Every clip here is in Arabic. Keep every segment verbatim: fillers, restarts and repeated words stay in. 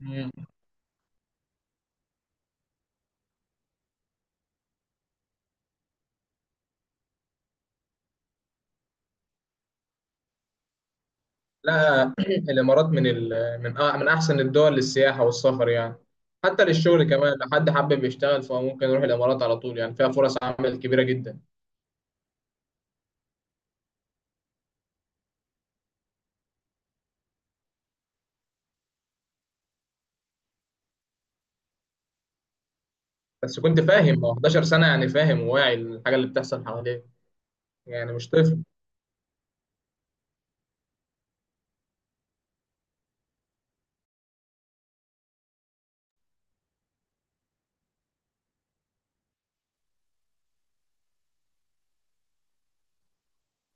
مم. لا الامارات من ال... من أ... من احسن الدول للسياحه والسفر، يعني حتى للشغل كمان. لو حد حابب يشتغل فهو ممكن يروح الامارات على طول، يعني فيها فرص عمل كبيره جدا. بس كنت فاهم هو حداشر سنة سنه؟ يعني فاهم وواعي للحاجه اللي بتحصل حواليك، يعني مش طفل؟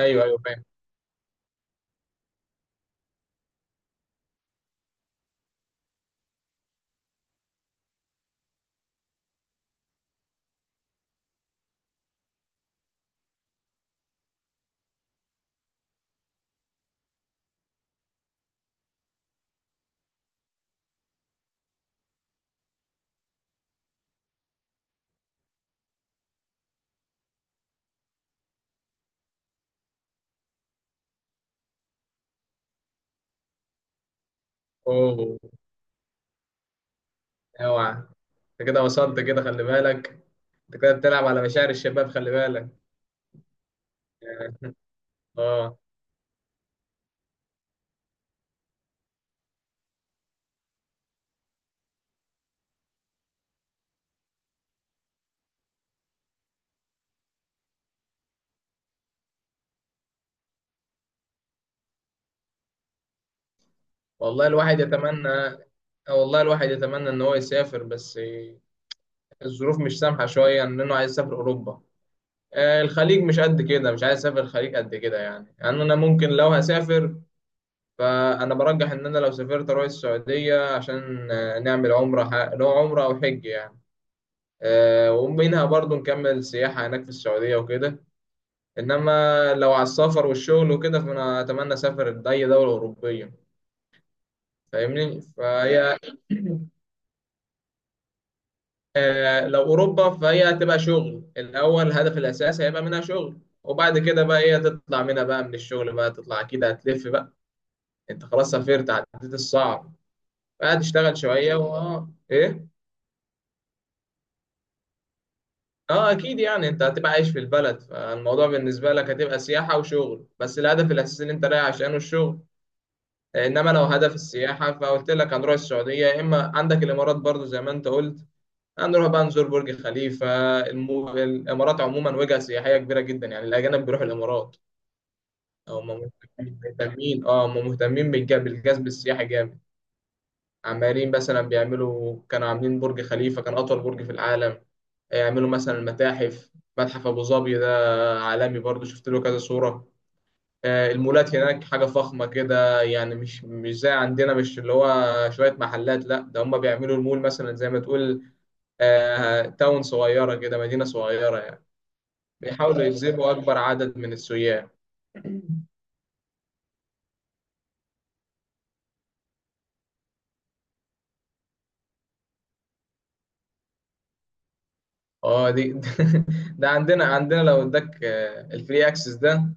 ايوه، ايوه، فاهم. اوه، اوعى، انت كده وصلت كده خلي بالك. انت كده بتلعب على مشاعر الشباب خلي بالك. اه. والله الواحد يتمنى آه، والله الواحد يتمنى ان هو يسافر، بس الظروف مش سامحة شوية. إن أنا عايز أسافر أوروبا. آه، الخليج مش قد كده، مش عايز أسافر الخليج قد كده. يعني يعني أنا ممكن لو هسافر، فأنا برجح إن أنا لو سافرت أروح السعودية عشان آه، نعمل عمرة. ح- اللي هو عمرة أو حج يعني. آه، ومنها برضو نكمل سياحة هناك في السعودية وكده. إنما لو على السفر والشغل وكده، فأنا أتمنى أسافر لأي دولة أوروبية، فاهمني؟ فهي آه، لو اوروبا فهي هتبقى شغل. الاول الهدف الاساسي هيبقى منها شغل، وبعد كده بقى هي تطلع منها بقى، من الشغل بقى تطلع اكيد هتلف بقى. انت خلاص سافرت، عديت الصعب، بقى تشتغل شويه و... آه، ايه. اه، اكيد، يعني انت هتبقى عايش في البلد، فالموضوع بالنسبه لك هتبقى سياحه وشغل، بس الهدف الاساسي اللي انت رايح عشانه الشغل. انما لو هدف السياحه فقلت لك هنروح السعوديه، يا اما عندك الامارات برضو زي ما انت قلت. هنروح بقى نزور برج خليفة. المو... الإمارات عموما وجهة سياحية كبيرة جدا، يعني الأجانب بيروحوا الإمارات. أو هم مهتمين، اه هم مهتمين بالج- بالجذب السياحي جامد. عمالين مثلا بيعملوا، كانوا عاملين برج خليفة كان أطول برج في العالم. يعملوا مثلا المتاحف، متحف أبو ظبي ده عالمي برضو، شفت له كذا صورة. آه، المولات هناك حاجة فخمة كده، يعني مش مش زي عندنا، مش اللي هو شوية محلات. لا ده هم بيعملوا المول مثلا زي ما تقول آه، تاون صغيرة كده، مدينة صغيرة. بيحاولوا يجذبوا أكبر عدد من السياح. اه دي ده عندنا عندنا لو اداك آه، الفري اكسس ده،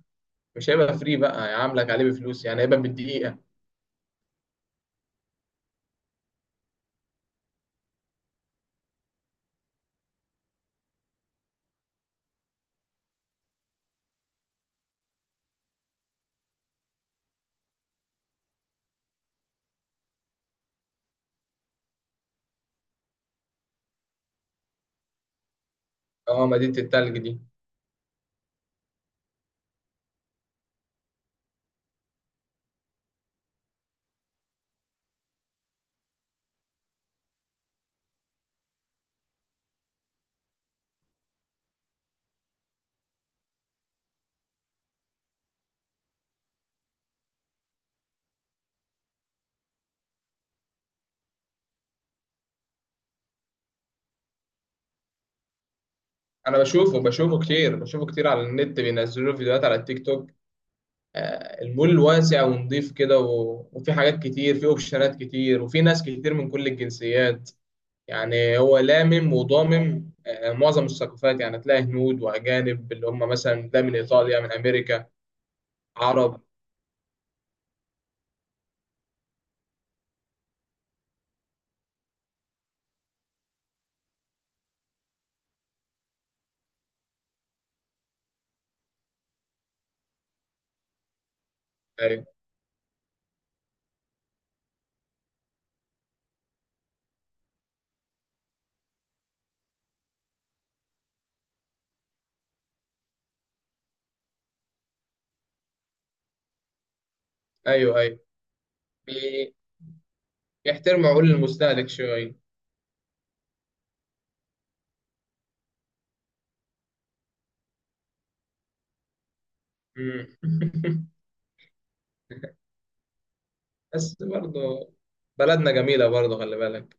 مش هيبقى فري بقى، هيعاملك عليه بفلوس، يعني هيبقى بالدقيقة. اه مدينة التلج دي، انا بشوفه بشوفه كتير بشوفه كتير على النت، بينزلوا له فيديوهات على التيك توك. آه، المول واسع ونضيف كده، و... وفي حاجات كتير، في اوبشنات كتير، وفي ناس كتير من كل الجنسيات. يعني هو لامم وضامم آه، معظم الثقافات، يعني تلاقي هنود واجانب اللي هم مثلا ده من ايطاليا، من امريكا، عرب. ايوه، ايوه، ايوه. بي- بيحترموا عقول المستهلك شويه. مم. بس برضه بلدنا جميله برضه، خلي بالك.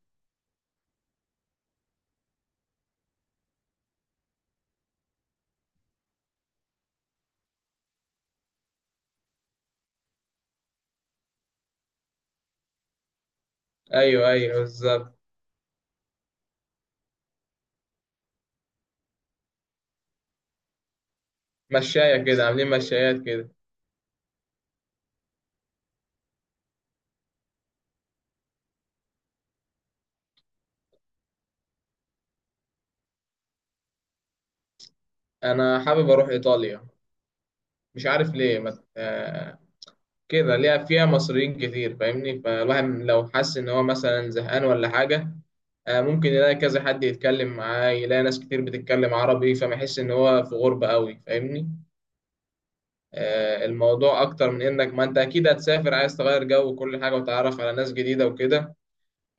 ايوه، ايوه، بالظبط. مشايه كده، عاملين مشايات كده. انا حابب اروح ايطاليا. مش عارف ليه، ما آه، كده ليها. فيها مصريين كتير، فاهمني؟ فالواحد لو حس ان هو مثلا زهقان ولا حاجه، آه، ممكن يلاقي كذا حد يتكلم معاه، يلاقي ناس كتير بتتكلم عربي، فما يحس ان هو في غربه قوي، فاهمني؟ آه، الموضوع اكتر من انك، ما انت اكيد هتسافر عايز تغير جو وكل حاجه وتتعرف على ناس جديده وكده،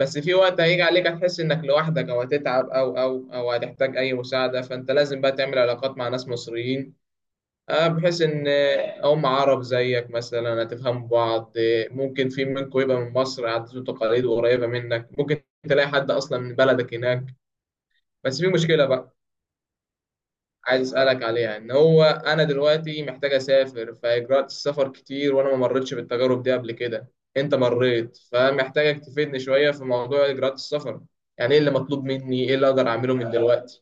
بس في وقت هيجي عليك هتحس انك لوحدك، او هتتعب، او او او هتحتاج اي مساعده، فانت لازم بقى تعمل علاقات مع ناس مصريين، آه، بحيث ان آه، هم عرب زيك مثلا، هتفهموا بعض. آه، ممكن في منكم يبقى من مصر، عادات وتقاليد وقريبه منك، ممكن تلاقي حد اصلا من بلدك هناك. بس في مشكله بقى، عايز اسالك عليها، ان هو انا دلوقتي محتاج اسافر، فاجراءات السفر كتير، وانا ما مريتش بالتجارب دي قبل كده. انت مريت، فمحتاجك تفيدني شويه في موضوع اجراءات السفر. يعني ايه اللي مطلوب مني؟ ايه اللي اقدر اعمله من دلوقتي؟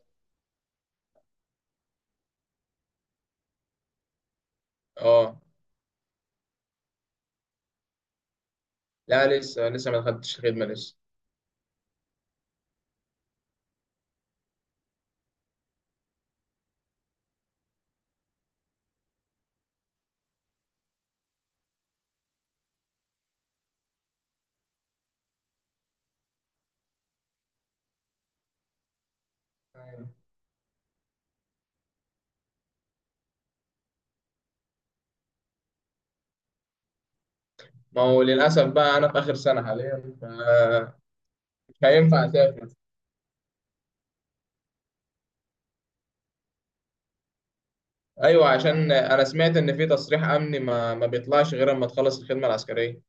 اه. لا لسه لسه ما دخلتش الخدمه لسه. ما هو للاسف بقى انا في اخر سنه حاليا، فمش هينفع اسافر. ايوه، عشان انا سمعت ان في تصريح امني ما ما بيطلعش غير اما تخلص الخدمه العسكريه.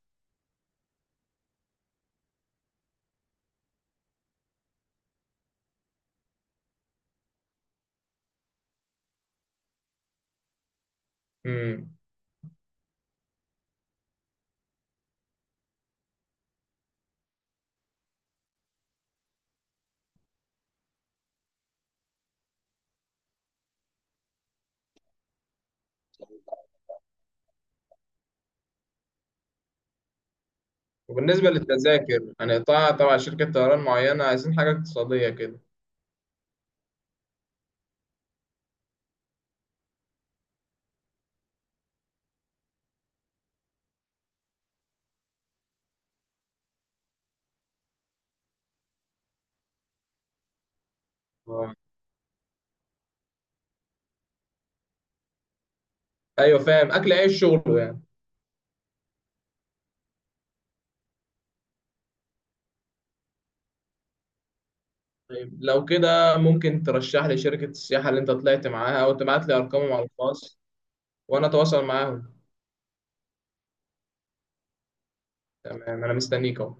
امم. وبالنسبة للتذاكر هنقطعها طبعا شركة طيران معينة، عايزين حاجة اقتصادية كده. اه، أيوة، فاهم، أكل عيش شغله يعني. طيب لو كده ممكن ترشح لي شركة السياحة اللي أنت طلعت معاها، أو تبعت لي أرقامهم على الخاص وأنا أتواصل معاهم. تمام، أنا مستنيك أهو.